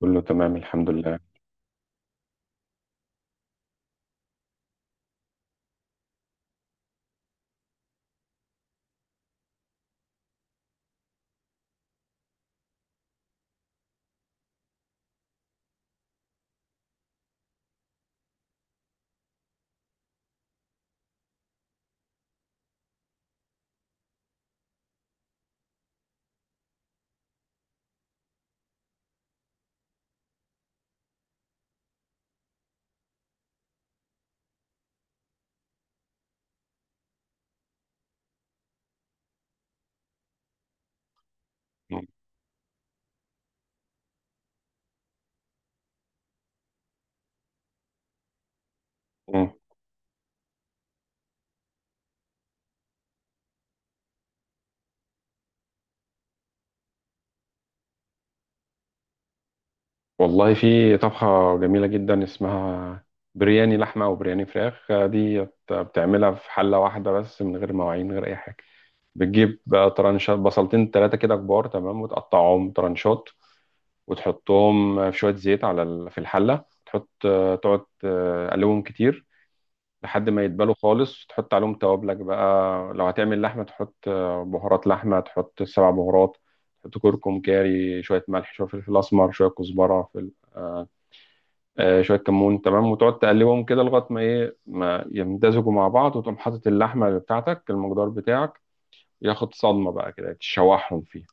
كله تمام، الحمد لله. مم. والله، في طبخة جميلة جدا اسمها برياني لحمة وبرياني فراخ. دي بتعملها في حلة واحدة بس، من غير مواعين، من غير أي حاجة. بتجيب طرنشات، بصلتين تلاتة كده كبار. تمام. وتقطعهم طرنشات وتحطهم في شوية زيت على في الحلة. تحط تقعد تقلبهم كتير لحد ما يدبلوا خالص. تحط عليهم توابلك بقى. لو هتعمل لحمة، تحط بهارات لحمة، تحط سبع بهارات. تحط كركم، كاري، شوية ملح، شوية فلفل أسمر، شوية كزبرة، آه شوية كمون. تمام. وتقعد تقلبهم كده لغاية ما إيه، ما يمتزجوا مع بعض، وتقوم حاطط اللحمة بتاعتك، المقدار بتاعك، ياخد صدمة بقى كده، تشوحهم فيها.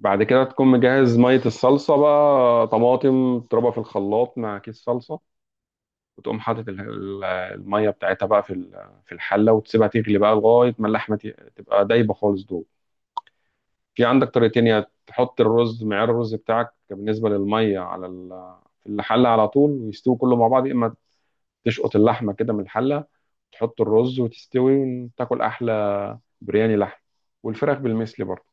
بعد كده تكون مجهز مية الصلصة بقى، طماطم تضربها في الخلاط مع كيس صلصة. وتقوم حاطط الميه بتاعتها بقى في في الحله، وتسيبها تغلي بقى لغايه ما اللحمه تبقى دايبه خالص. دول في عندك طريقتين، يا تحط الرز، معيار الرز بتاعك بالنسبه للميه، على في الحله على طول ويستوي كله مع بعض، يا اما تشقط اللحمه كده من الحله، تحط الرز وتستوي وتاكل احلى برياني لحم. والفراخ بالمثل برضه.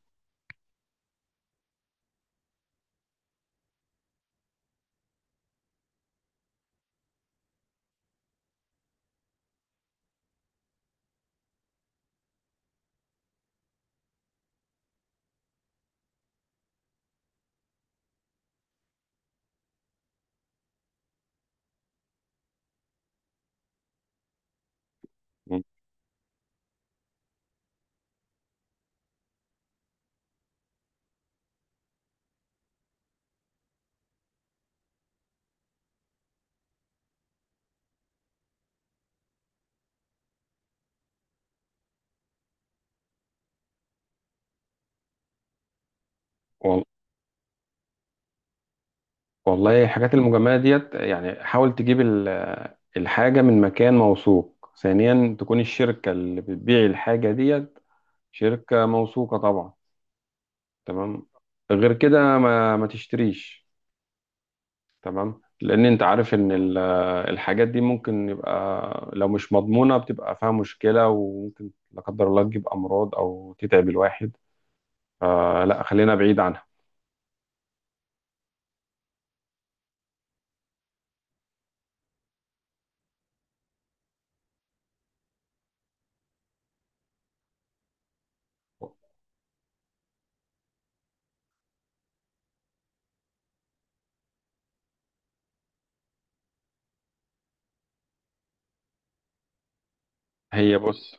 مم. والله، الحاجات المجمعة ديت يعني، حاول تجيب الحاجة من مكان موثوق. ثانيا، تكون الشركة اللي بتبيع الحاجة ديت شركة موثوقة طبعا. تمام. غير كده ما تشتريش. تمام. لأن أنت عارف إن الحاجات دي ممكن يبقى، لو مش مضمونة، بتبقى فيها مشكلة، وممكن لا قدر الله تجيب أمراض أو تتعب الواحد. فلا، خلينا بعيد عنها. هي بص.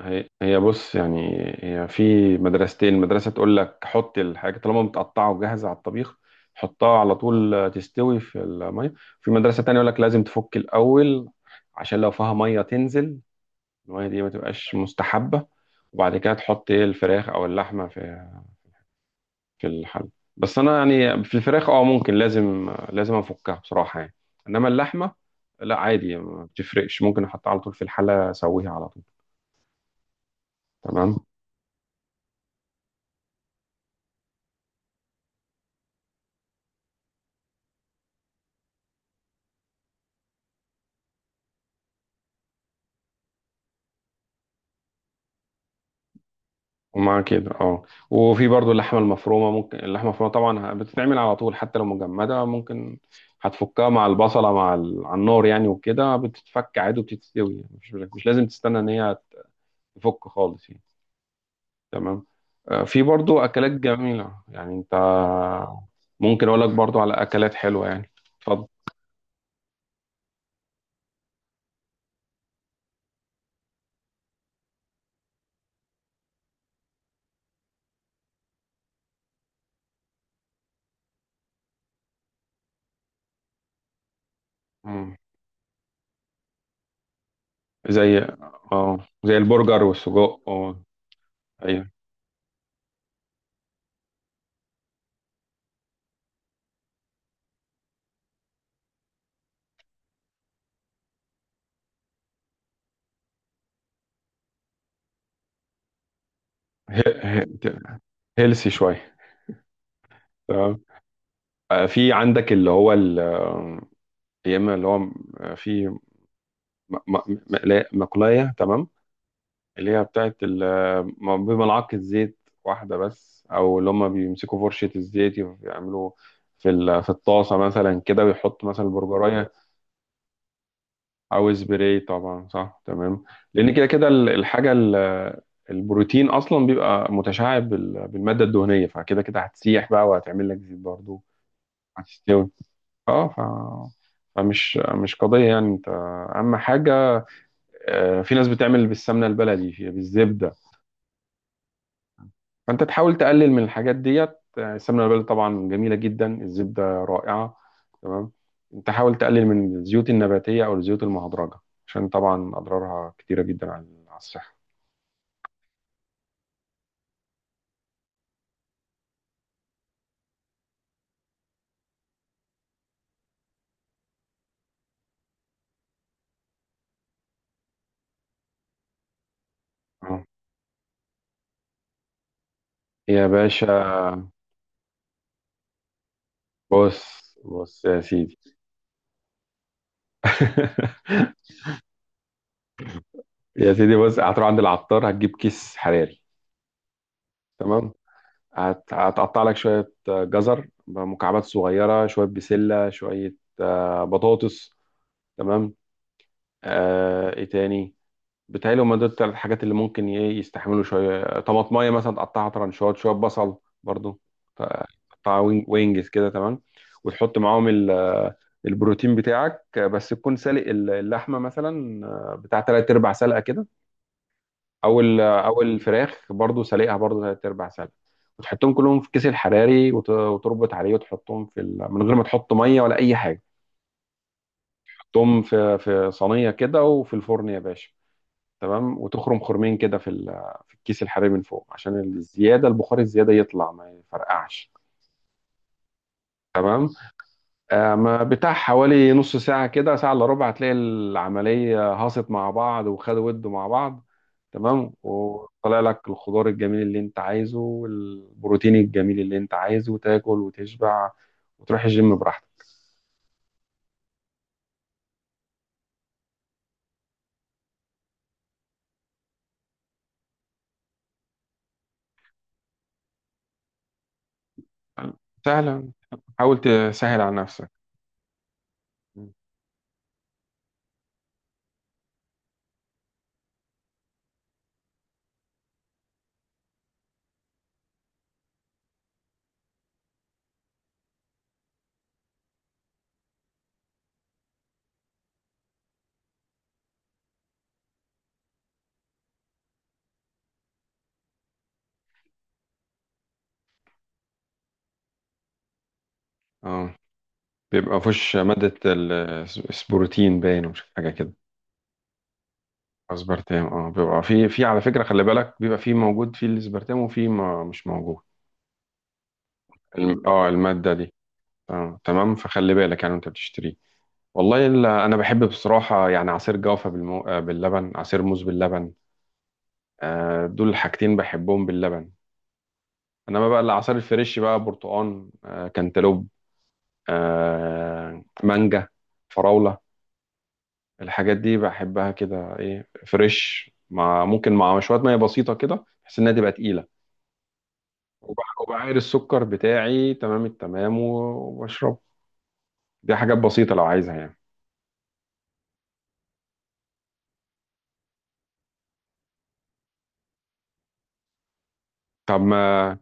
هي بص يعني. هي في مدرستين، مدرسة تقول لك حط الحاجة طالما متقطعة وجاهزة على الطبيخ، حطها على طول تستوي في المية. في مدرسة تانية يقول لك لازم تفك الأول، عشان لو فيها مية تنزل، المية دي ما تبقاش مستحبة. وبعد كده تحط ايه، الفراخ أو اللحمة في الحل. بس أنا يعني في الفراخ، اه، ممكن، لازم أفكها بصراحة يعني. إنما اللحمة لا، عادي ما بتفرقش، ممكن أحطها على طول في الحلة أسويها على طول. تمام. ومع كده اه. وفي برضو اللحمة المفرومة، ممكن اللحمة المفرومة طبعا بتتعمل على طول، حتى لو مجمدة ممكن هتفكها مع البصلة، مع على النار يعني، وكده بتتفك عادي وبتتستوي، يعني مش لازم تستنى ان هي تفك خالص يعني. تمام. في برضو اكلات جميلة، يعني انت ممكن اقول لك برضو على اكلات حلوة يعني. اتفضل. مم. زي اه، زي البرجر والسجق اه. ايوه. هيلسي شوية. تمام. في عندك اللي هو، يا اما اللي هو في مقلايه. تمام. اللي هي بتاعت بملعقه زيت واحده بس، او اللي هم بيمسكوا فرشه الزيت، يعملوا في في الطاسه مثلا كده ويحط مثلا برجرايه. او سبراي طبعا، صح. تمام. لان كده كده الحاجه البروتين اصلا بيبقى متشعب بالماده الدهنيه، فكده كده هتسيح بقى وهتعمل لك زيت برضه. هتستوي اه. فمش مش قضيه يعني انت. اهم حاجه، في ناس بتعمل بالسمنه البلدي، بالزبده. فانت تحاول تقلل من الحاجات ديت. السمنه البلدي طبعا جميله جدا، الزبده رائعه. تمام. انت حاول تقلل من الزيوت النباتيه او الزيوت المهدرجه، عشان طبعا اضرارها كتيره جدا على الصحه. آه. يا باشا، بص. بص يا سيدي. يا سيدي بص، هتروح عند العطار، هتجيب كيس حراري. تمام. هتقطع لك شويه جزر بمكعبات صغيره، شويه بسله، شويه بطاطس. تمام. آه، ايه تاني؟ بتهيألي هما دول التلات حاجات اللي ممكن ايه يستحملوا شوية طماطماية مثلا تقطعها ترنشات، شوية بصل برضو تقطعها وينجز كده. تمام. وتحط معاهم البروتين بتاعك. بس تكون سالق اللحمة مثلا، بتاع تلات أرباع سلقة كده. أو أو الفراخ برضو سالقها برضو تلات أرباع سلقة. وتحطهم كلهم في كيس الحراري، وتربط عليه وتحطهم في من غير ما تحط مية ولا أي حاجة. تحطهم في صينية كده وفي الفرن يا باشا. تمام. وتخرم خرمين كده في في الكيس الحراري من فوق، عشان الزياده، البخار الزياده يطلع، ما يفرقعش. تمام. ما بتاع حوالي نص ساعه كده، ساعه الا ربع، هتلاقي العمليه هاصت مع بعض، وخدوا ودوا مع بعض. تمام. وطلع لك الخضار الجميل اللي انت عايزه، والبروتين الجميل اللي انت عايزه، وتاكل وتشبع وتروح الجيم براحتك. سهلا. حاول تسهل على نفسك. اه. بيبقى فيهوش مادة البروتين، باين، ومش حاجة كده. اسبرتام اه. بيبقى في، على فكرة خلي بالك، بيبقى في موجود في الاسبرتام وفي ما مش موجود المادة دي. آه. تمام. فخلي بالك يعني وانت بتشتريه. والله انا بحب بصراحة يعني عصير جوافة بالمو... آه باللبن، عصير موز باللبن. آه، دول الحاجتين بحبهم باللبن. انما بقى العصير الفريش بقى، برتقان آه، كانتالوب آه، مانجا، فراولة. الحاجات دي بحبها كده ايه، فريش مع ممكن مع شوية مية بسيطة كده، بحيث انها تبقى تقيلة، وبعاير السكر بتاعي تمام التمام، وبشربه. دي حاجات بسيطة لو عايزها يعني. طب ما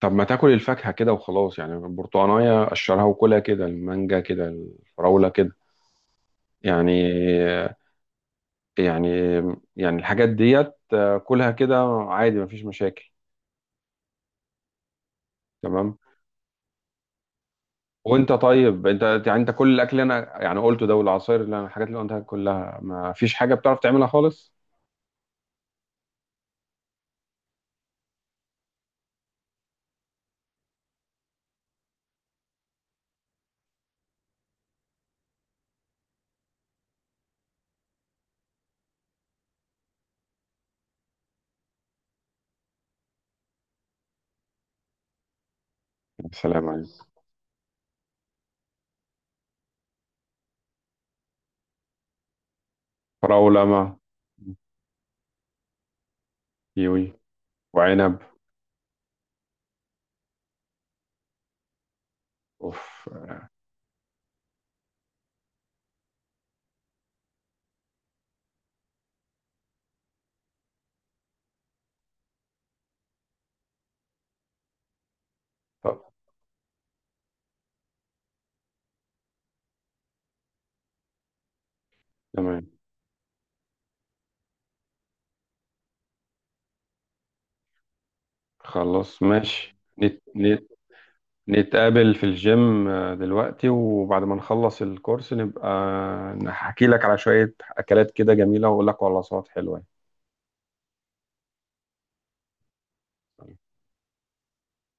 طب ما تاكل الفاكهة كده وخلاص، يعني البرتقانية قشرها وكلها كده، المانجا كده، الفراولة كده يعني. يعني يعني الحاجات ديت كلها كده عادي، مفيش مشاكل. تمام. وانت طيب، انت يعني، انت كل الاكل اللي انا يعني قلته ده، والعصاير اللي انا الحاجات اللي قلتها كلها، ما فيش حاجة بتعرف تعملها خالص؟ يا سلام عليك. فراولة ما. كيوي. وعنب. اوف. تمام. خلاص ماشي. نتقابل في الجيم، دلوقتي وبعد ما نخلص الكورس نبقى نحكي لك على شوية أكلات كده جميلة وأقول لك على وصفات حلوة يعني.